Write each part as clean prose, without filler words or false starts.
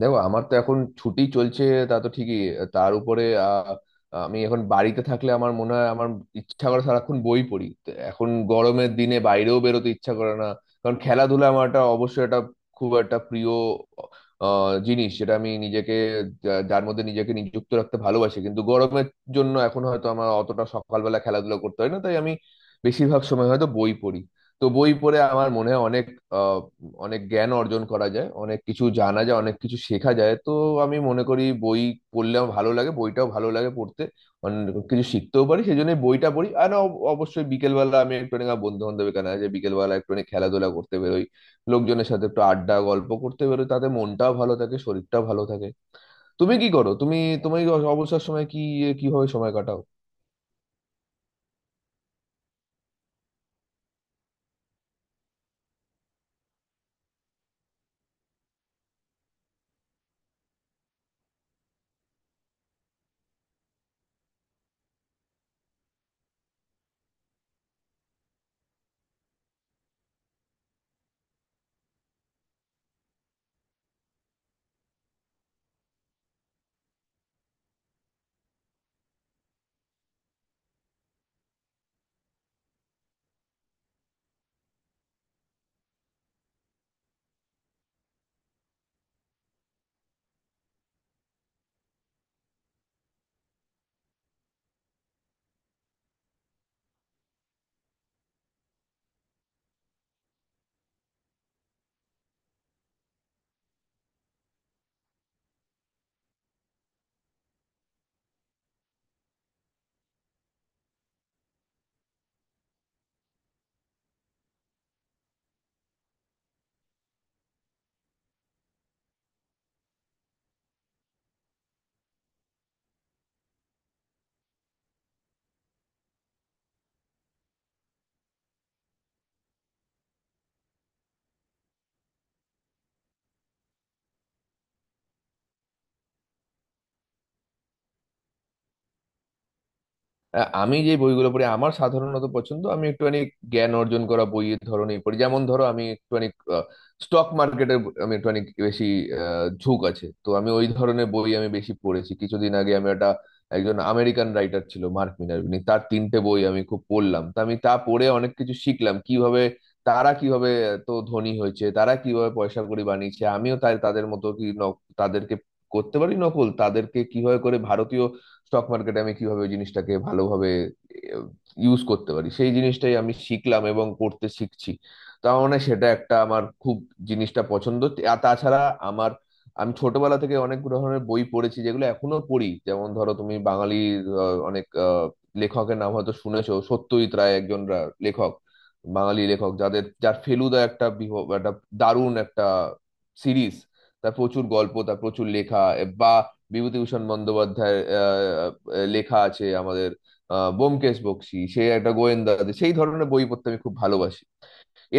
দেখো আমার তো এখন ছুটি চলছে, তা তো ঠিকই। তার উপরে আমি এখন বাড়িতে থাকলে আমার মনে হয় আমার ইচ্ছা করে সারাক্ষণ বই পড়ি। তো এখন গরমের দিনে বাইরেও বেরোতে ইচ্ছা করে না, কারণ খেলাধুলা আমার একটা অবশ্যই একটা খুব একটা প্রিয় জিনিস, যেটা আমি নিজেকে যার মধ্যে নিজেকে নিযুক্ত রাখতে ভালোবাসি, কিন্তু গরমের জন্য এখন হয়তো আমার অতটা সকালবেলা খেলাধুলা করতে হয় না, তাই আমি বেশিরভাগ সময় হয়তো বই পড়ি। তো বই পড়ে আমার মনে হয় অনেক অনেক জ্ঞান অর্জন করা যায়, অনেক কিছু জানা যায়, অনেক কিছু শেখা যায়। তো আমি মনে করি বই পড়লে আমার ভালো লাগে, বইটাও ভালো লাগে পড়তে, অনেক কিছু শিখতেও পারি, সেই জন্য বইটা পড়ি। আর না, অবশ্যই বিকেলবেলা আমি একটু বন্ধু বান্ধব এখানে আছে, বিকেলবেলা একটু খেলাধুলা করতে বেরোই, লোকজনের সাথে একটু আড্ডা গল্প করতে বেরোই, তাতে মনটাও ভালো থাকে, শরীরটাও ভালো থাকে। তুমি কি করো? তুমি তুমি অবসর সময় কি কিভাবে সময় কাটাও? আমি যে বইগুলো পড়ি আমার সাধারণত পছন্দ, আমি একটুখানি জ্ঞান অর্জন করা বইয়ের ধরনই পড়ি। যেমন ধরো আমি একটুখানি স্টক মার্কেটের আমি একটুখানি বেশি ঝোঁক আছে, তো আমি ওই ধরনের বই আমি বেশি পড়েছি। কিছুদিন আগে আমি একটা একজন আমেরিকান রাইটার ছিল মার্ক মিনারভিনি, তার তিনটে বই আমি খুব পড়লাম। তা আমি পড়ে অনেক কিছু শিখলাম, কিভাবে তারা কিভাবে এত ধনী হয়েছে, তারা কিভাবে পয়সা কড়ি বানিয়েছে, আমিও তাই তাদের মতো কি তাদেরকে করতে পারি নকল, তাদেরকে কিভাবে করে ভারতীয় স্টক মার্কেটে আমি কিভাবে ওই জিনিসটাকে ভালোভাবে ইউজ করতে পারি, সেই জিনিসটাই আমি শিখলাম এবং করতে শিখছি। তার মানে সেটা একটা আমার খুব জিনিসটা পছন্দ। আর তাছাড়া আমার আমি ছোটবেলা থেকে অনেক ধরনের বই পড়েছি যেগুলো এখনো পড়ি। যেমন ধরো তুমি বাঙালি, অনেক লেখকের নাম হয়তো শুনেছো। সত্যজিৎ রায় একজন লেখক, বাঙালি লেখক, যাদের যার ফেলুদা একটা একটা দারুণ একটা সিরিজ। তার প্রচুর গল্প, তার প্রচুর লেখা। বিভূতিভূষণ বন্দ্যোপাধ্যায়ের লেখা আছে আমাদের। ব্যোমকেশ বক্সী, সে একটা গোয়েন্দা, সেই ধরনের বই পড়তে আমি খুব ভালোবাসি।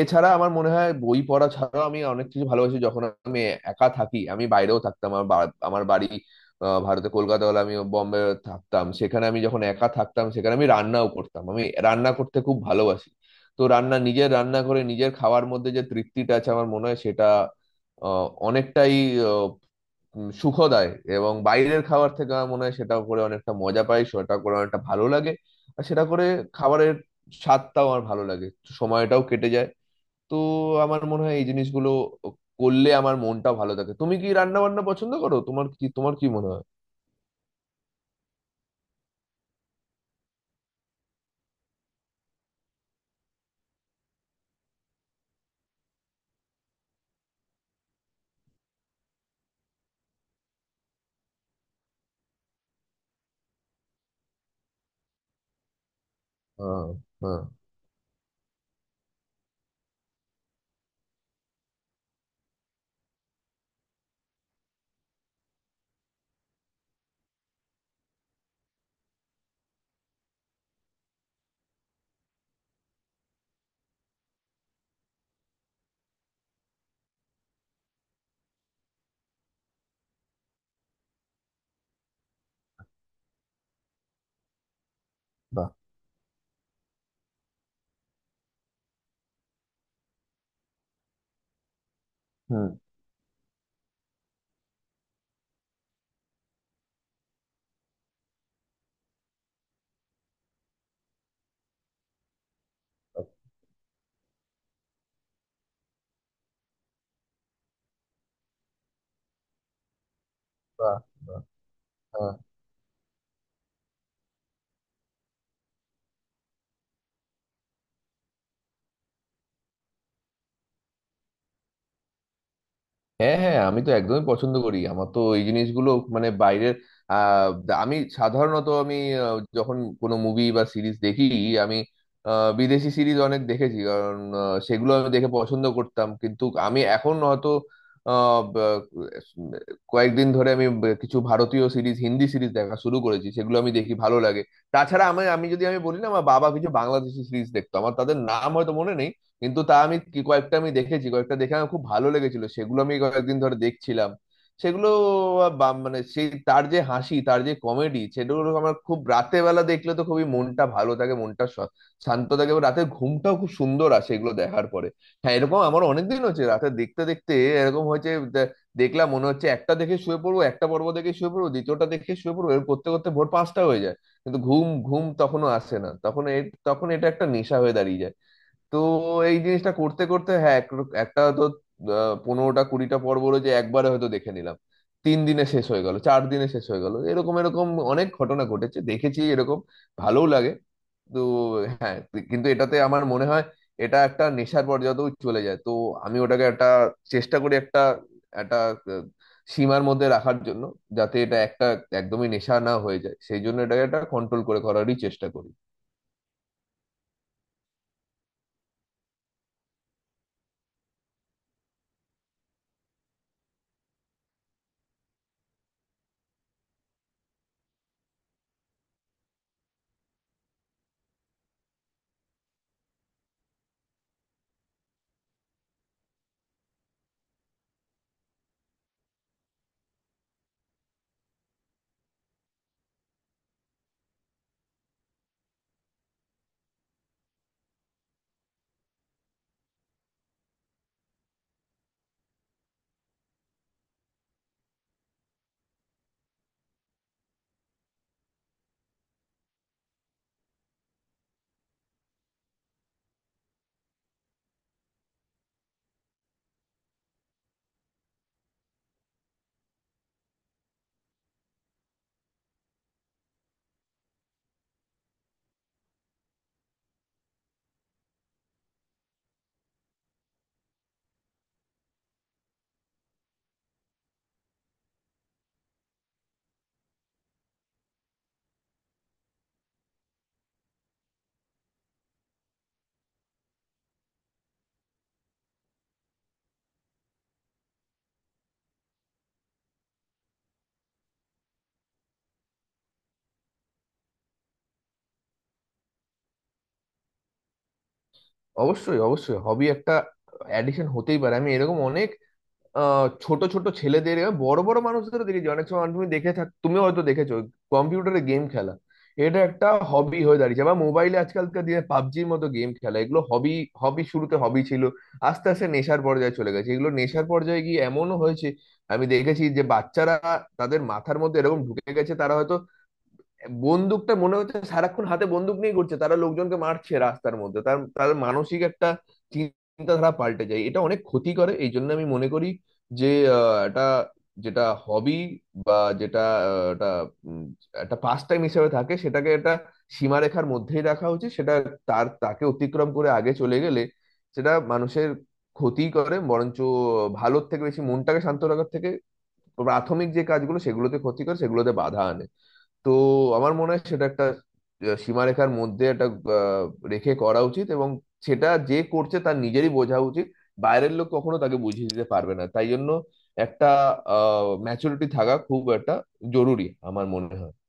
এছাড়া আমার মনে হয় বই পড়া ছাড়াও আমি অনেক কিছু ভালোবাসি। যখন আমি একা থাকি আমি বাইরেও থাকতাম, আমার আমার বাড়ি ভারতে কলকাতা হলে আমি বম্বে থাকতাম। সেখানে আমি যখন একা থাকতাম, সেখানে আমি রান্নাও করতাম। আমি রান্না করতে খুব ভালোবাসি। তো রান্না নিজের রান্না করে নিজের খাওয়ার মধ্যে যে তৃপ্তিটা আছে, আমার মনে হয় সেটা অনেকটাই সুখ দেয়। এবং বাইরের খাবার থেকে আমার মনে হয় সেটা করে অনেকটা মজা পাই, সেটা করে অনেকটা ভালো লাগে, আর সেটা করে খাবারের স্বাদটাও আমার ভালো লাগে, সময়টাও কেটে যায়। তো আমার মনে হয় এই জিনিসগুলো করলে আমার মনটা ভালো থাকে। তুমি কি রান্না বান্না পছন্দ করো? তোমার কি, তোমার কি মনে হয়? হ্যাঁ, হ্যাঁ, বাহ। হুম, বাহ, বাহ, বাহ, হ্যাঁ, হ্যাঁ, হ্যাঁ, আমি তো একদমই পছন্দ করি। আমার তো এই জিনিসগুলো মানে বাইরের আমি সাধারণত আমি যখন কোনো মুভি বা সিরিজ দেখি, আমি বিদেশি সিরিজ অনেক দেখেছি, কারণ সেগুলো আমি দেখে পছন্দ করতাম। কিন্তু আমি এখন হয়তো আহ, ব- কয়েকদিন ধরে আমি কিছু ভারতীয় সিরিজ, হিন্দি সিরিজ দেখা শুরু করেছি, সেগুলো আমি দেখি, ভালো লাগে। তাছাড়া আমি আমি যদি আমি বলি না, আমার বাবা কিছু বাংলাদেশি সিরিজ দেখতো, আমার তাদের নাম হয়তো মনে নেই, কিন্তু তা আমি কি কয়েকটা আমি দেখেছি, কয়েকটা দেখে আমার খুব ভালো লেগেছিল, সেগুলো আমি কয়েকদিন ধরে দেখছিলাম। সেগুলো মানে সেই তার যে হাসি, তার যে কমেডি, সেগুলো আমার খুব রাতে বেলা দেখলে তো খুবই মনটা ভালো থাকে, মনটা শান্ত থাকে, এবং রাতের ঘুমটাও খুব সুন্দর আসে এগুলো দেখার পরে। হ্যাঁ, এরকম আমার অনেকদিন হচ্ছে রাতে দেখতে দেখতে এরকম হয়েছে দেখলাম, মনে হচ্ছে একটা দেখে শুয়ে পড়বো, একটা পর্ব দেখে শুয়ে পড়বো, দ্বিতীয়টা দেখে শুয়ে পড়বো, এরকম করতে করতে ভোর 5টা হয়ে যায়, কিন্তু ঘুম ঘুম তখনও আসে না। তখন তখন এটা একটা নেশা হয়ে দাঁড়িয়ে যায়। তো এই জিনিসটা করতে করতে হ্যাঁ এক একটা তো 15টা 20টা পর্ব রয়েছে, একবারে হয়তো দেখে নিলাম, 3 দিনে শেষ হয়ে গেল, 4 দিনে শেষ হয়ে গেল, এরকম এরকম অনেক ঘটনা ঘটেছে, দেখেছি এরকম, ভালোও লাগে। তো হ্যাঁ, কিন্তু এটাতে আমার মনে হয় এটা একটা নেশার পর্যায়েও চলে যায়। তো আমি ওটাকে একটা চেষ্টা করি একটা একটা আহ, সীমার মধ্যে রাখার জন্য, যাতে এটা একটা একদমই নেশা না হয়ে যায়, সেই জন্য এটাকে একটা কন্ট্রোল করে করারই চেষ্টা করি। অবশ্যই, অবশ্যই হবি একটা অ্যাডিকশন হতেই পারে। আমি এরকম অনেক ছোট ছোট ছেলেদের, বড় বড় মানুষদেরও দেখেছি। অনেক সময় তুমি দেখে থাক, তুমিও হয়তো দেখেছো কম্পিউটারে গেম খেলা, এটা একটা হবি হয়ে দাঁড়িয়েছে, বা মোবাইলে আজকালকার দিনে পাবজির মতো গেম খেলা, এগুলো হবি হবি শুরুতে হবি ছিল, আস্তে আস্তে নেশার পর্যায়ে চলে গেছে। এগুলো নেশার পর্যায়ে গিয়ে এমনও হয়েছে, আমি দেখেছি যে বাচ্চারা তাদের মাথার মধ্যে এরকম ঢুকে গেছে, তারা হয়তো বন্দুকটা মনে হচ্ছে সারাক্ষণ হাতে বন্দুক নিয়ে ঘুরছে, তারা লোকজনকে মারছে রাস্তার মধ্যে, তার তার মানসিক একটা চিন্তাধারা পাল্টে যায়, এটা অনেক ক্ষতি করে। এই জন্য আমি মনে করি যে এটা যেটা হবি বা যেটা এটা উম, একটা পাস্ট টাইম হিসেবে থাকে, সেটাকে একটা সীমারেখার মধ্যেই রাখা উচিত। সেটা তার তাকে অতিক্রম করে আগে চলে গেলে সেটা মানুষের ক্ষতি করে, বরঞ্চ ভালোর থেকে বেশি মনটাকে শান্ত রাখার থেকে প্রাথমিক যে কাজগুলো সেগুলোতে ক্ষতি করে, সেগুলোতে বাধা আনে। তো আমার মনে হয় সেটা একটা সীমারেখার মধ্যে একটা আহ, রেখে করা উচিত, এবং সেটা যে করছে তার নিজেরই বোঝা উচিত, বাইরের লোক কখনো তাকে বুঝিয়ে দিতে পারবে না। তাই জন্য একটা ম্যাচুরিটি থাকা খুব একটা জরুরি আমার মনে হয়।